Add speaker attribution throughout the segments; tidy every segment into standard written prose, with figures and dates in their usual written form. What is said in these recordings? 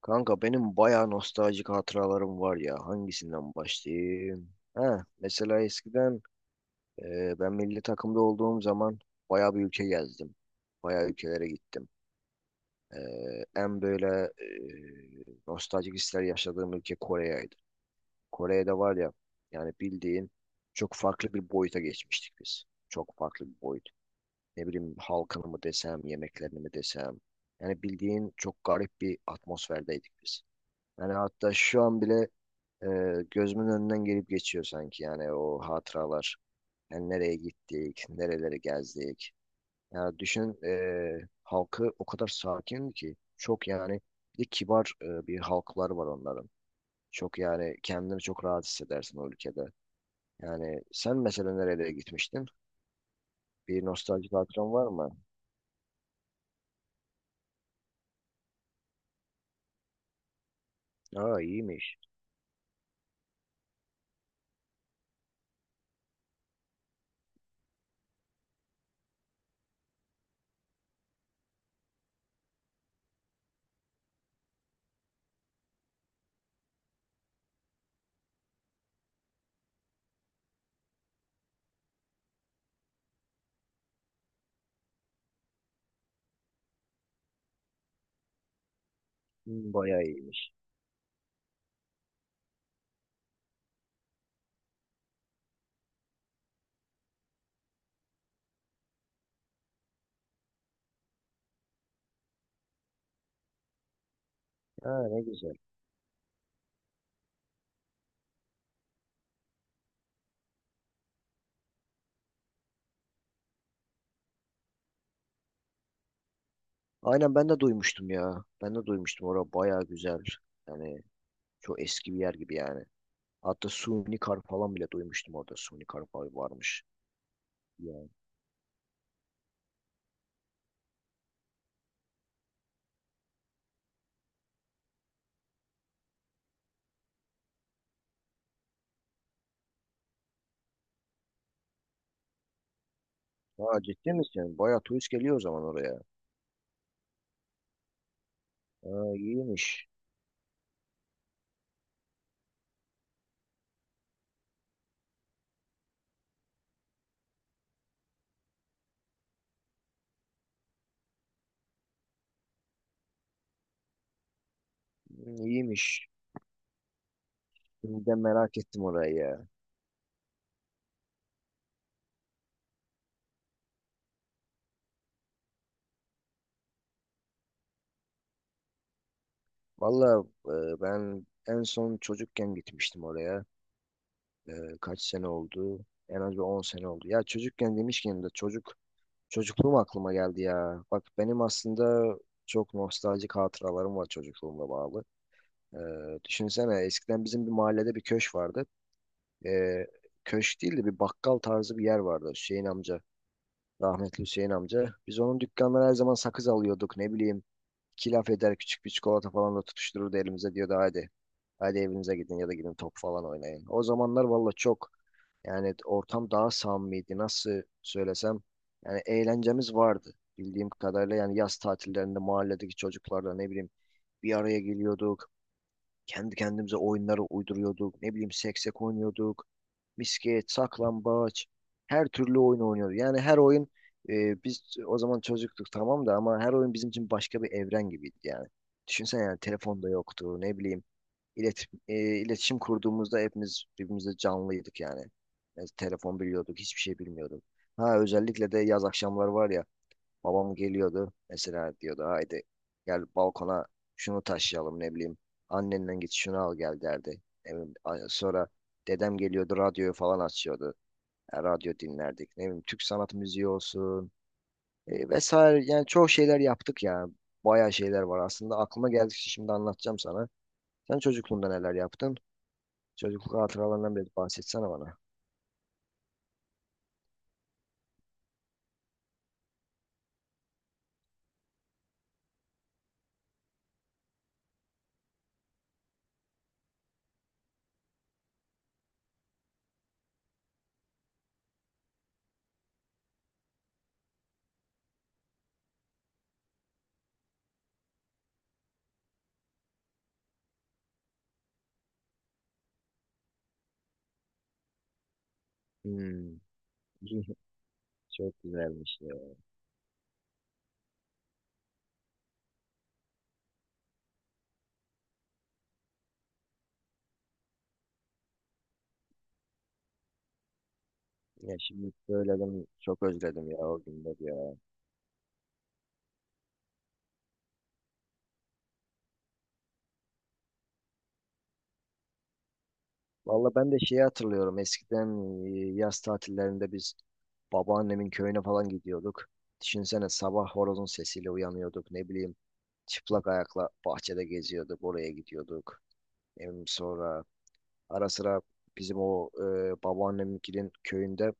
Speaker 1: Kanka benim bayağı nostaljik hatıralarım var ya. Hangisinden başlayayım? Ha, mesela eskiden ben milli takımda olduğum zaman bayağı bir ülke gezdim. Bayağı ülkelere gittim. E, en böyle nostaljik hisler yaşadığım ülke Kore'ydi. Kore'de var ya, yani bildiğin çok farklı bir boyuta geçmiştik biz. Çok farklı bir boyut. Ne bileyim halkını mı desem, yemeklerini mi desem. Yani bildiğin çok garip bir atmosferdeydik biz. Yani hatta şu an bile e, gözümün önünden gelip geçiyor sanki yani o hatıralar. Yani nereye gittik, nereleri gezdik. Yani düşün halkı o kadar sakin ki, çok yani bir de kibar bir halklar var onların. Çok yani kendini çok rahat hissedersin o ülkede. Yani sen mesela nerelere gitmiştin? Bir nostaljik hatıran var mı? Aa, iyiymiş. Hmm, bayağı iyiymiş. Ha, ne güzel. Aynen, ben de duymuştum ya. Ben de duymuştum. Orası bayağı güzel. Yani çok eski bir yer gibi yani. Hatta suni kar falan bile duymuştum orada. Suni kar falan varmış. Ya. Ha, ciddi misin? Bayağı turist geliyor o zaman oraya. Ha, iyiymiş. Hmm, İyiymiş. Şimdiden merak ettim orayı ya. Valla ben en son çocukken gitmiştim oraya. E, kaç sene oldu? En az bir 10 sene oldu. Ya çocukken demişken de çocukluğum aklıma geldi ya. Bak benim aslında çok nostaljik hatıralarım var çocukluğumla bağlı. E, düşünsene eskiden bizim bir mahallede bir köşk vardı. e, Köşk değil de bir bakkal tarzı bir yer vardı, Hüseyin amca. Rahmetli Hüseyin amca. Biz onun dükkanlara her zaman sakız alıyorduk, ne bileyim. İki laf eder, küçük bir çikolata falan da tutuştururdu elimize, diyordu hadi. Hadi evinize gidin ya da gidin top falan oynayın. O zamanlar valla çok yani ortam daha samimiydi, nasıl söylesem. Yani eğlencemiz vardı bildiğim kadarıyla, yani yaz tatillerinde mahalledeki çocuklarla ne bileyim bir araya geliyorduk. Kendi kendimize oyunları uyduruyorduk. Ne bileyim, seksek oynuyorduk. Misket, saklambaç. Her türlü oyun oynuyorduk. Yani her oyun, biz o zaman çocuktuk tamam da, ama her oyun bizim için başka bir evren gibiydi yani. Düşünsene, yani telefonda yoktu. Ne bileyim ilet, e, iletişim kurduğumuzda hepimiz birbirimize canlıydık yani. Yani telefon biliyorduk, hiçbir şey bilmiyorduk. Ha, özellikle de yaz akşamları var ya. Babam geliyordu mesela, diyordu haydi, gel balkona, şunu taşıyalım, ne bileyim, annenden git şunu al gel, derdi. Ne bileyim, sonra dedem geliyordu, radyoyu falan açıyordu. E, radyo dinlerdik, ne bileyim Türk sanat müziği olsun vesaire, yani çok şeyler yaptık ya. Bayağı şeyler var aslında, aklıma geldikçe şimdi anlatacağım sana. Sen çocukluğunda neler yaptın? Çocukluk hatıralarından biraz bahsetsene bana. Hmm. Çok güzelmiş ya. Ya şimdi söyledim, çok özledim ya o günleri ya. Valla ben de şeyi hatırlıyorum. Eskiden yaz tatillerinde biz babaannemin köyüne falan gidiyorduk. Düşünsene, sabah horozun sesiyle uyanıyorduk. Ne bileyim, çıplak ayakla bahçede geziyorduk. Oraya gidiyorduk. Hem sonra ara sıra bizim o babaanneminkinin köyünde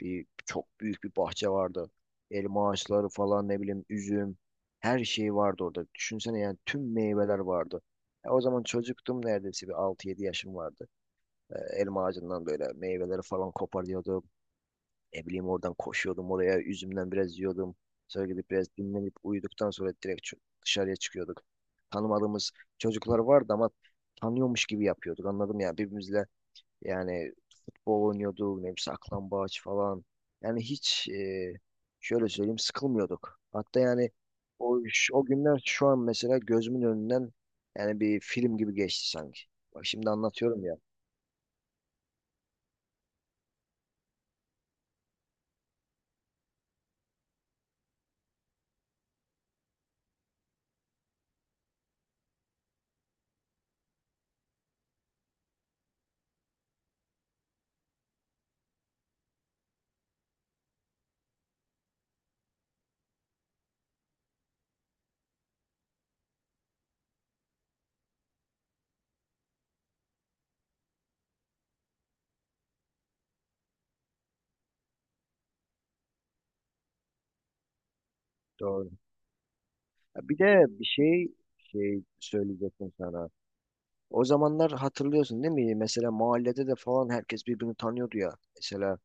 Speaker 1: bir çok büyük bir bahçe vardı. Elma ağaçları falan, ne bileyim üzüm, her şey vardı orada. Düşünsene yani tüm meyveler vardı. Ya o zaman çocuktum, neredeyse bir altı yedi yaşım vardı. E, elma ağacından böyle meyveleri falan koparıyordum. Ne bileyim, oradan koşuyordum oraya. Üzümden biraz yiyordum. Sonra gidip biraz dinlenip uyuduktan sonra direkt dışarıya çıkıyorduk. Tanımadığımız çocuklar vardı ama tanıyormuş gibi yapıyorduk. Anladım ya birbirimizle, yani futbol oynuyorduk. Ne bileyim saklambaç falan. Yani hiç şöyle söyleyeyim, sıkılmıyorduk. Hatta yani o, o günler şu an mesela gözümün önünden yani bir film gibi geçti sanki. Bak şimdi anlatıyorum ya. Doğru. Bir de bir şey söyleyecektim sana. O zamanlar hatırlıyorsun değil mi? Mesela mahallede de falan herkes birbirini tanıyordu ya. Mesela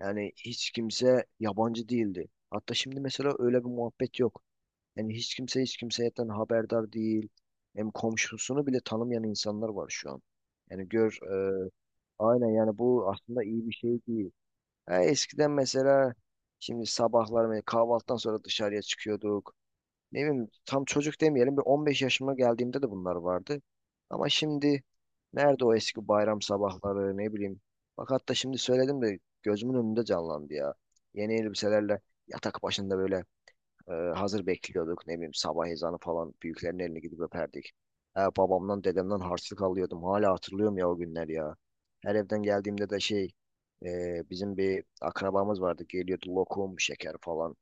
Speaker 1: yani hiç kimse yabancı değildi. Hatta şimdi mesela öyle bir muhabbet yok. Yani hiç kimse hiç kimseyden haberdar değil. Hem komşusunu bile tanımayan insanlar var şu an. Yani gör e, aynen yani bu aslında iyi bir şey değil. Ha, eskiden mesela şimdi sabahlar mesela kahvaltıdan sonra dışarıya çıkıyorduk, ne bileyim tam çocuk demeyelim, bir 15 yaşıma geldiğimde de bunlar vardı. Ama şimdi nerede o eski bayram sabahları, ne bileyim. Bak hatta şimdi söyledim de gözümün önünde canlandı ya. Yeni elbiselerle yatak başında böyle hazır bekliyorduk. Ne bileyim, sabah ezanı falan, büyüklerin eline gidip öperdik. Ha, babamdan dedemden harçlık alıyordum. Hala hatırlıyorum ya o günler ya. Her evden geldiğimde de bizim bir akrabamız vardı. Geliyordu lokum, şeker falan.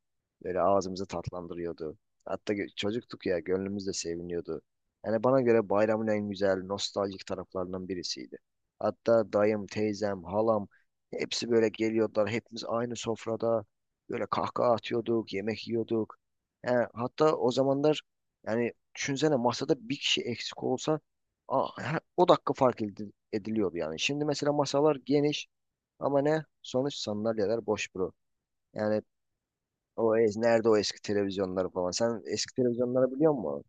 Speaker 1: Böyle ağzımızı tatlandırıyordu. Hatta çocuktuk ya, gönlümüz de seviniyordu. Yani bana göre bayramın en güzel nostaljik taraflarından birisiydi. Hatta dayım, teyzem, halam, hepsi böyle geliyordular. Hepimiz aynı sofrada böyle kahkaha atıyorduk, yemek yiyorduk. Yani hatta o zamanlar, yani düşünsene, masada bir kişi eksik olsa o dakika ediliyordu yani. Şimdi mesela masalar geniş ama ne? Sonuç sandalyeler boş bro. Yani o ez nerede o eski televizyonları falan. Sen eski televizyonları biliyor musun?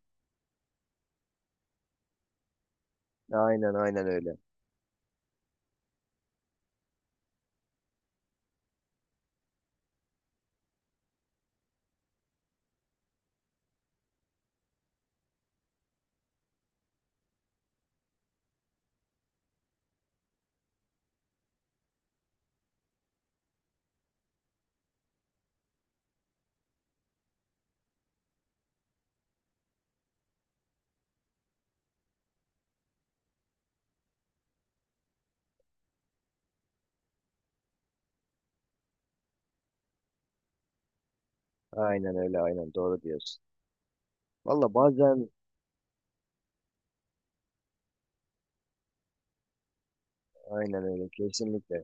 Speaker 1: Aynen, aynen öyle. Aynen öyle, aynen doğru diyorsun. Valla bazen aynen öyle, kesinlikle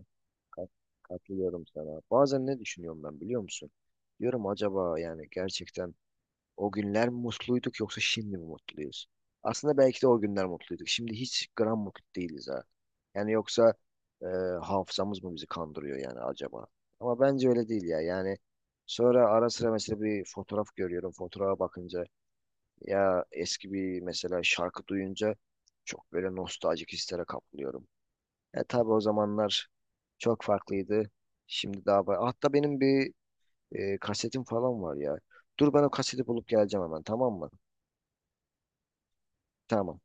Speaker 1: kat- katılıyorum sana. Bazen ne düşünüyorum ben biliyor musun? Diyorum acaba yani gerçekten o günler mutluyduk yoksa şimdi mi mutluyuz? Aslında belki de o günler mutluyduk. Şimdi hiç gram mutlu değiliz ha. Yani yoksa e, hafızamız mı bizi kandırıyor yani acaba? Ama bence öyle değil ya. Yani sonra ara sıra mesela bir fotoğraf görüyorum. Fotoğrafa bakınca ya eski bir mesela şarkı duyunca çok böyle nostaljik hislere kapılıyorum. E tabii o zamanlar çok farklıydı. Şimdi daha hatta benim bir kasetim falan var ya. Dur ben o kaseti bulup geleceğim hemen, tamam mı? Tamam.